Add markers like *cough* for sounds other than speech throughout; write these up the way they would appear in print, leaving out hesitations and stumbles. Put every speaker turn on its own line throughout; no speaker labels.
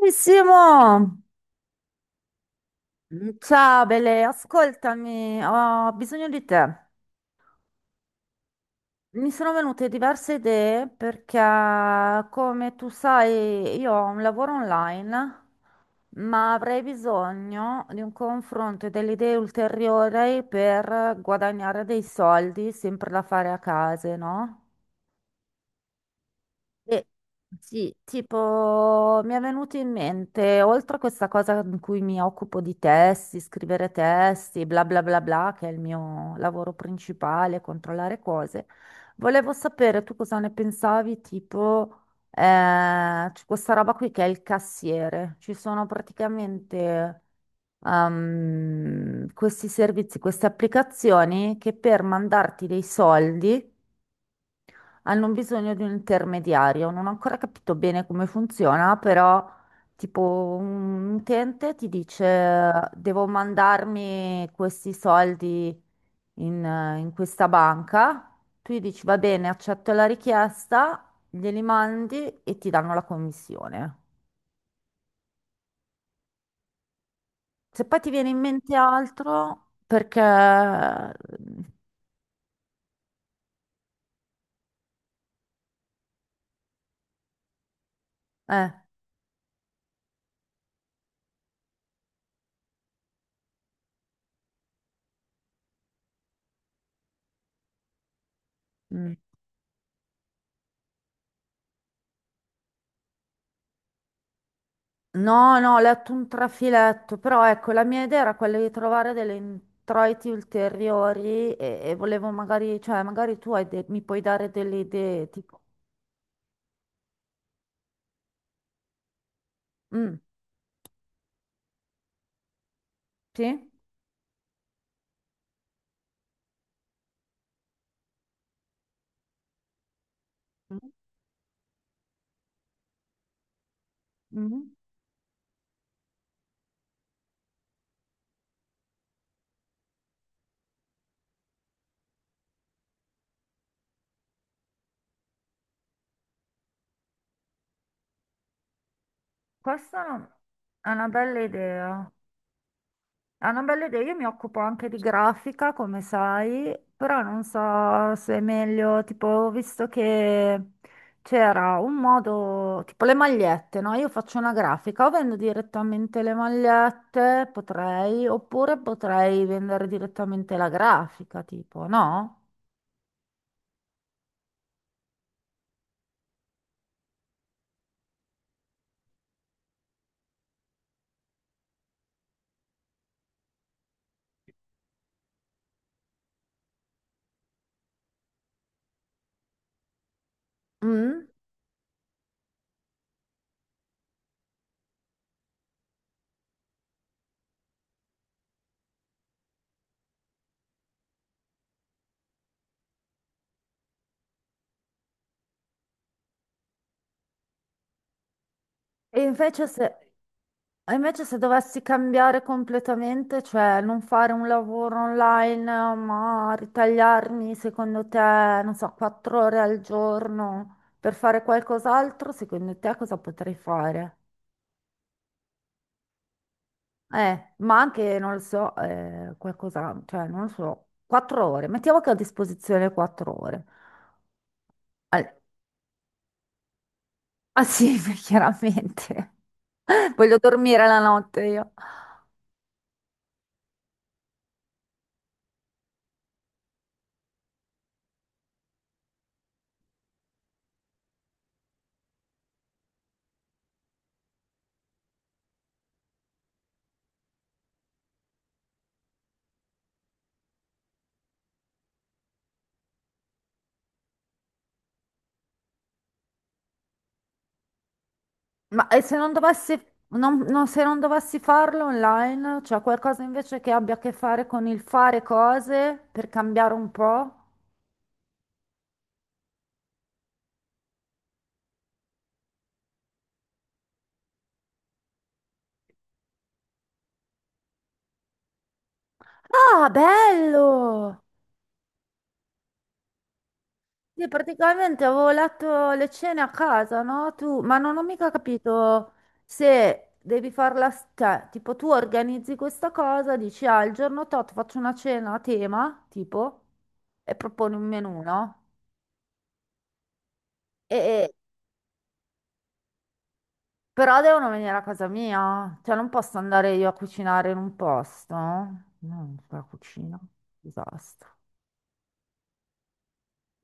Bravissimo! Ciao Bele, ascoltami, ho bisogno di te. Mi sono venute diverse idee perché, come tu sai, io ho un lavoro online, ma avrei bisogno di un confronto e delle idee ulteriori per guadagnare dei soldi, sempre da fare a casa, no? Eh, Sì, tipo mi è venuto in mente, oltre a questa cosa in cui mi occupo di testi, scrivere testi, bla bla bla bla, che è il mio lavoro principale, controllare cose, volevo sapere tu cosa ne pensavi, eh, c'è questa roba qui che è il cassiere. Ci sono praticamente, questi servizi, queste applicazioni che per mandarti dei soldi hanno bisogno di un intermediario. Non ho ancora capito bene come funziona, però tipo un utente ti dice devo mandarmi questi soldi in questa banca. Tu gli dici va bene, accetto la richiesta, glieli mandi e ti danno la commissione. Se poi ti viene in mente altro, perché... Eh, mm. No, no, ho letto un trafiletto, però ecco, la mia idea era quella di trovare delle introiti ulteriori e volevo magari, cioè magari tu hai mi puoi dare delle idee, tipo, mm, sì? Mm, mm. Questa è una bella idea. È una bella idea, io mi occupo anche di grafica, come sai, però non so se è meglio, tipo, ho visto che c'era un modo, tipo le magliette, no? Io faccio una grafica, o vendo direttamente le magliette, potrei, oppure potrei vendere direttamente la grafica, tipo, no? Mm? E invece se, e invece se dovessi cambiare completamente, cioè non fare un lavoro online, ma ritagliarmi, secondo te, non so, quattro ore al giorno per fare qualcos'altro, secondo te cosa potrei fare? Ma anche, non lo so, qualcosa, cioè non lo so, quattro ore, mettiamo che ho a disposizione quattro ore. Al- ah sì, *laughs* chiaramente, *laughs* voglio dormire la notte io. Ma e se non dovessi, se non dovessi farlo online, c'è qualcosa invece che abbia a che fare con il fare cose per cambiare un po'? Ah, bello! Sì, praticamente avevo letto le cene a casa, no? Tu, ma non ho mica capito se devi farla, cioè, tipo tu organizzi questa cosa, dici, ah, il giorno tot faccio una cena a tema, tipo, e proponi un menù, no? E, però devono venire a casa mia, cioè non posso andare io a cucinare in un posto. No, la cucina, disastro.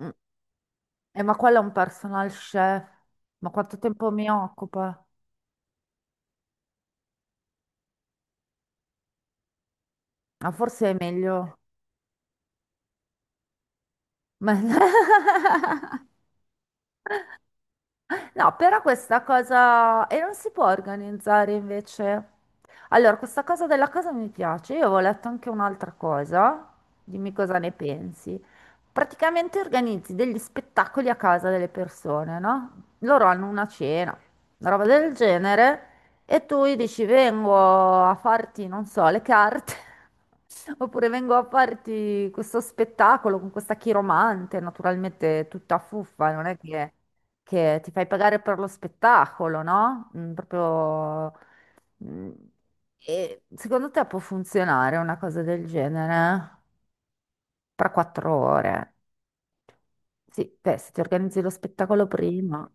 Mm. Ma quello è un personal chef. Ma quanto tempo mi occupa? Ah, forse è meglio. Ma... *laughs* No, però questa cosa... E non si può organizzare invece. Allora, questa cosa della casa mi piace. Io avevo letto anche un'altra cosa. Dimmi cosa ne pensi. Praticamente organizzi degli spettacoli a casa delle persone, no? Loro hanno una cena, una roba del genere, e tu gli dici vengo a farti, non so, le carte, *laughs* oppure vengo a farti questo spettacolo con questa chiromante, naturalmente tutta fuffa, non è che ti fai pagare per lo spettacolo, no? Mm, proprio... mm, e secondo te può funzionare una cosa del genere? Per quattro ore? Sì, beh, se ti organizzi lo spettacolo prima.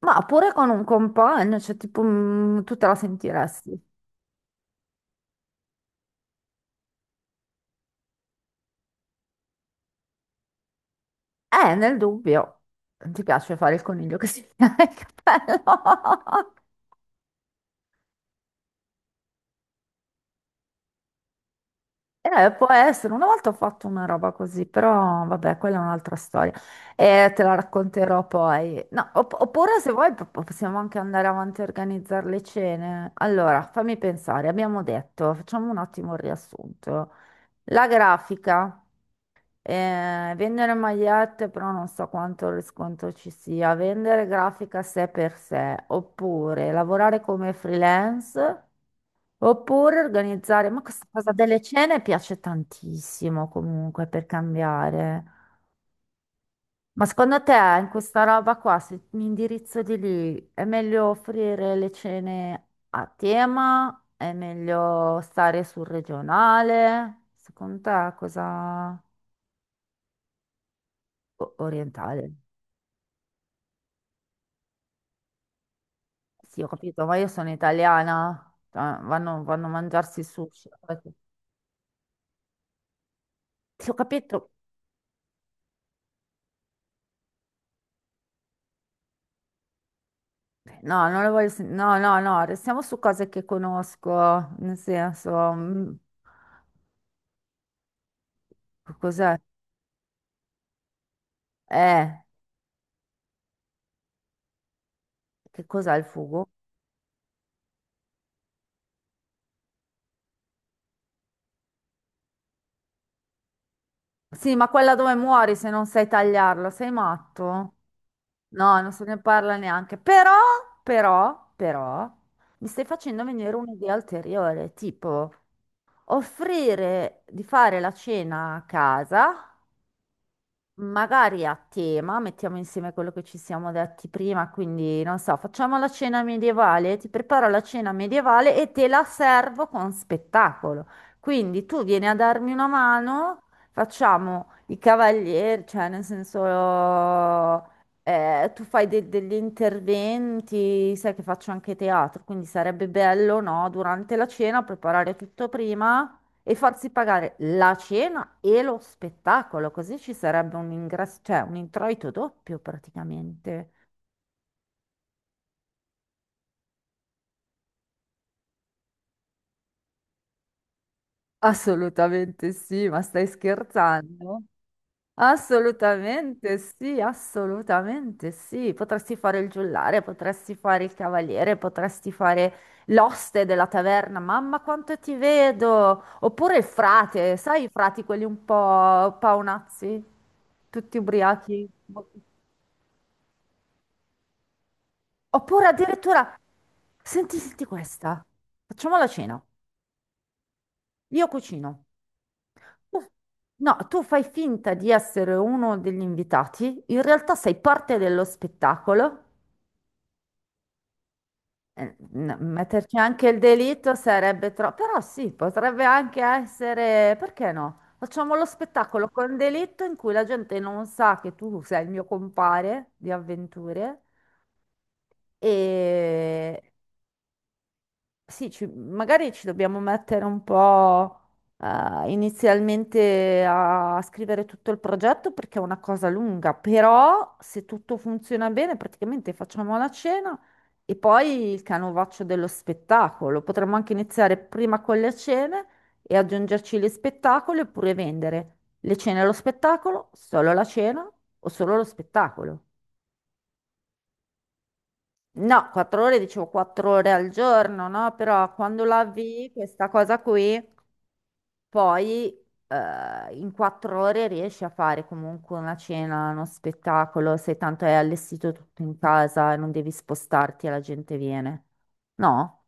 Ma pure con un compagno, cioè tipo mm, tu te la sentiresti. Nel dubbio. Non ti piace fare il coniglio che si *laughs* tira il cappello? *laughs* Può essere, una volta ho fatto una roba così, però vabbè, quella è un'altra storia e te la racconterò poi. No, oppure se vuoi possiamo anche andare avanti a organizzare le cene. Allora, fammi pensare, abbiamo detto, facciamo un attimo il riassunto. La grafica, vendere magliette, però non so quanto riscontro ci sia, vendere grafica sé per sé, oppure lavorare come freelance. Oppure organizzare, ma questa cosa delle cene piace tantissimo comunque per cambiare. Ma secondo te in questa roba qua, se mi indirizzo di lì, è meglio offrire le cene a tema? È meglio stare sul regionale? Secondo te cosa... orientale? Sì, ho capito, ma io sono italiana. Cioè, vanno, vanno a mangiarsi il sushi. Ti ho capito, no, non lo voglio no, no, no, restiamo su cose che conosco, nel senso, mm, che cos'è? Eh, che cos'è il fugo? Sì, ma quella dove muori se non sai tagliarlo, sei matto? No, non se ne parla neanche. Però, però, però, mi stai facendo venire un'idea ulteriore, tipo offrire di fare la cena a casa. Magari a tema, mettiamo insieme quello che ci siamo detti prima, quindi non so, facciamo la cena medievale, ti preparo la cena medievale e te la servo con spettacolo. Quindi tu vieni a darmi una mano, facciamo i cavalieri, cioè nel senso tu fai degli interventi, sai che faccio anche teatro, quindi sarebbe bello, no, durante la cena preparare tutto prima e farsi pagare la cena e lo spettacolo, così ci sarebbe un ingresso, cioè un introito doppio praticamente. Assolutamente sì, ma stai scherzando? Assolutamente sì, assolutamente sì. Potresti fare il giullare, potresti fare il cavaliere, potresti fare l'oste della taverna, mamma quanto ti vedo! Oppure il frate, sai i frati quelli un po' paonazzi, tutti ubriachi? Boh, oppure addirittura, senti, senti questa, facciamo la cena, io cucino. Tu- No, tu fai finta di essere uno degli invitati, in realtà sei parte dello spettacolo. Metterci anche il delitto sarebbe troppo, però sì, potrebbe anche essere, perché no? Facciamo lo spettacolo con delitto in cui la gente non sa che tu sei il mio compare di avventure e, sì, magari ci dobbiamo mettere un po' inizialmente a scrivere tutto il progetto perché è una cosa lunga, però se tutto funziona bene, praticamente facciamo la cena e poi il canovaccio dello spettacolo. Potremmo anche iniziare prima con le cene e aggiungerci gli spettacoli oppure vendere le cene e lo spettacolo, solo la cena o solo lo spettacolo. No, quattro ore, dicevo quattro ore al giorno, no? Però quando la vi, questa cosa qui. Poi in quattro ore riesci a fare comunque una cena, uno spettacolo, se tanto è allestito tutto in casa e non devi spostarti e la gente viene. No?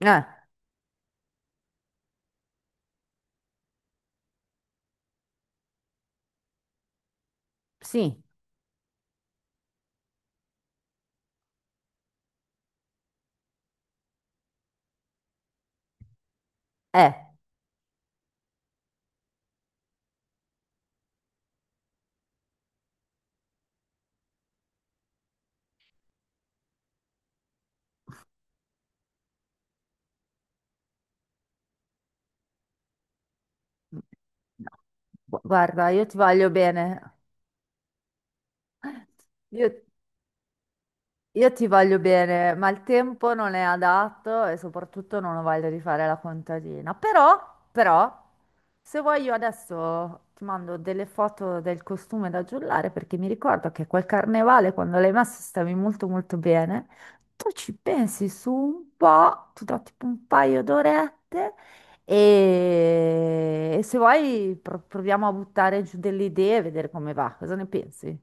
Eh, sì, eh. No. Guarda, io ti voglio bene. *laughs* Io Io ti voglio bene, ma il tempo non è adatto e soprattutto non ho voglia di fare la contadina. Però, però, se vuoi io adesso ti mando delle foto del costume da giullare perché mi ricordo che quel carnevale quando l'hai messo stavi molto molto bene. Tu ci pensi su un po', ti do tipo un paio d'orette e se vuoi proviamo a buttare giù delle idee e vedere come va. Cosa ne pensi?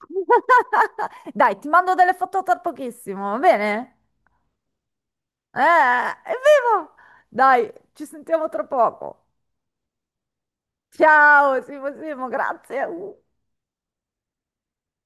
*laughs* Dai, ti mando delle foto tra pochissimo, va bene? È vivo! Dai, ci sentiamo tra poco. Ciao, Simo, Simo, grazie.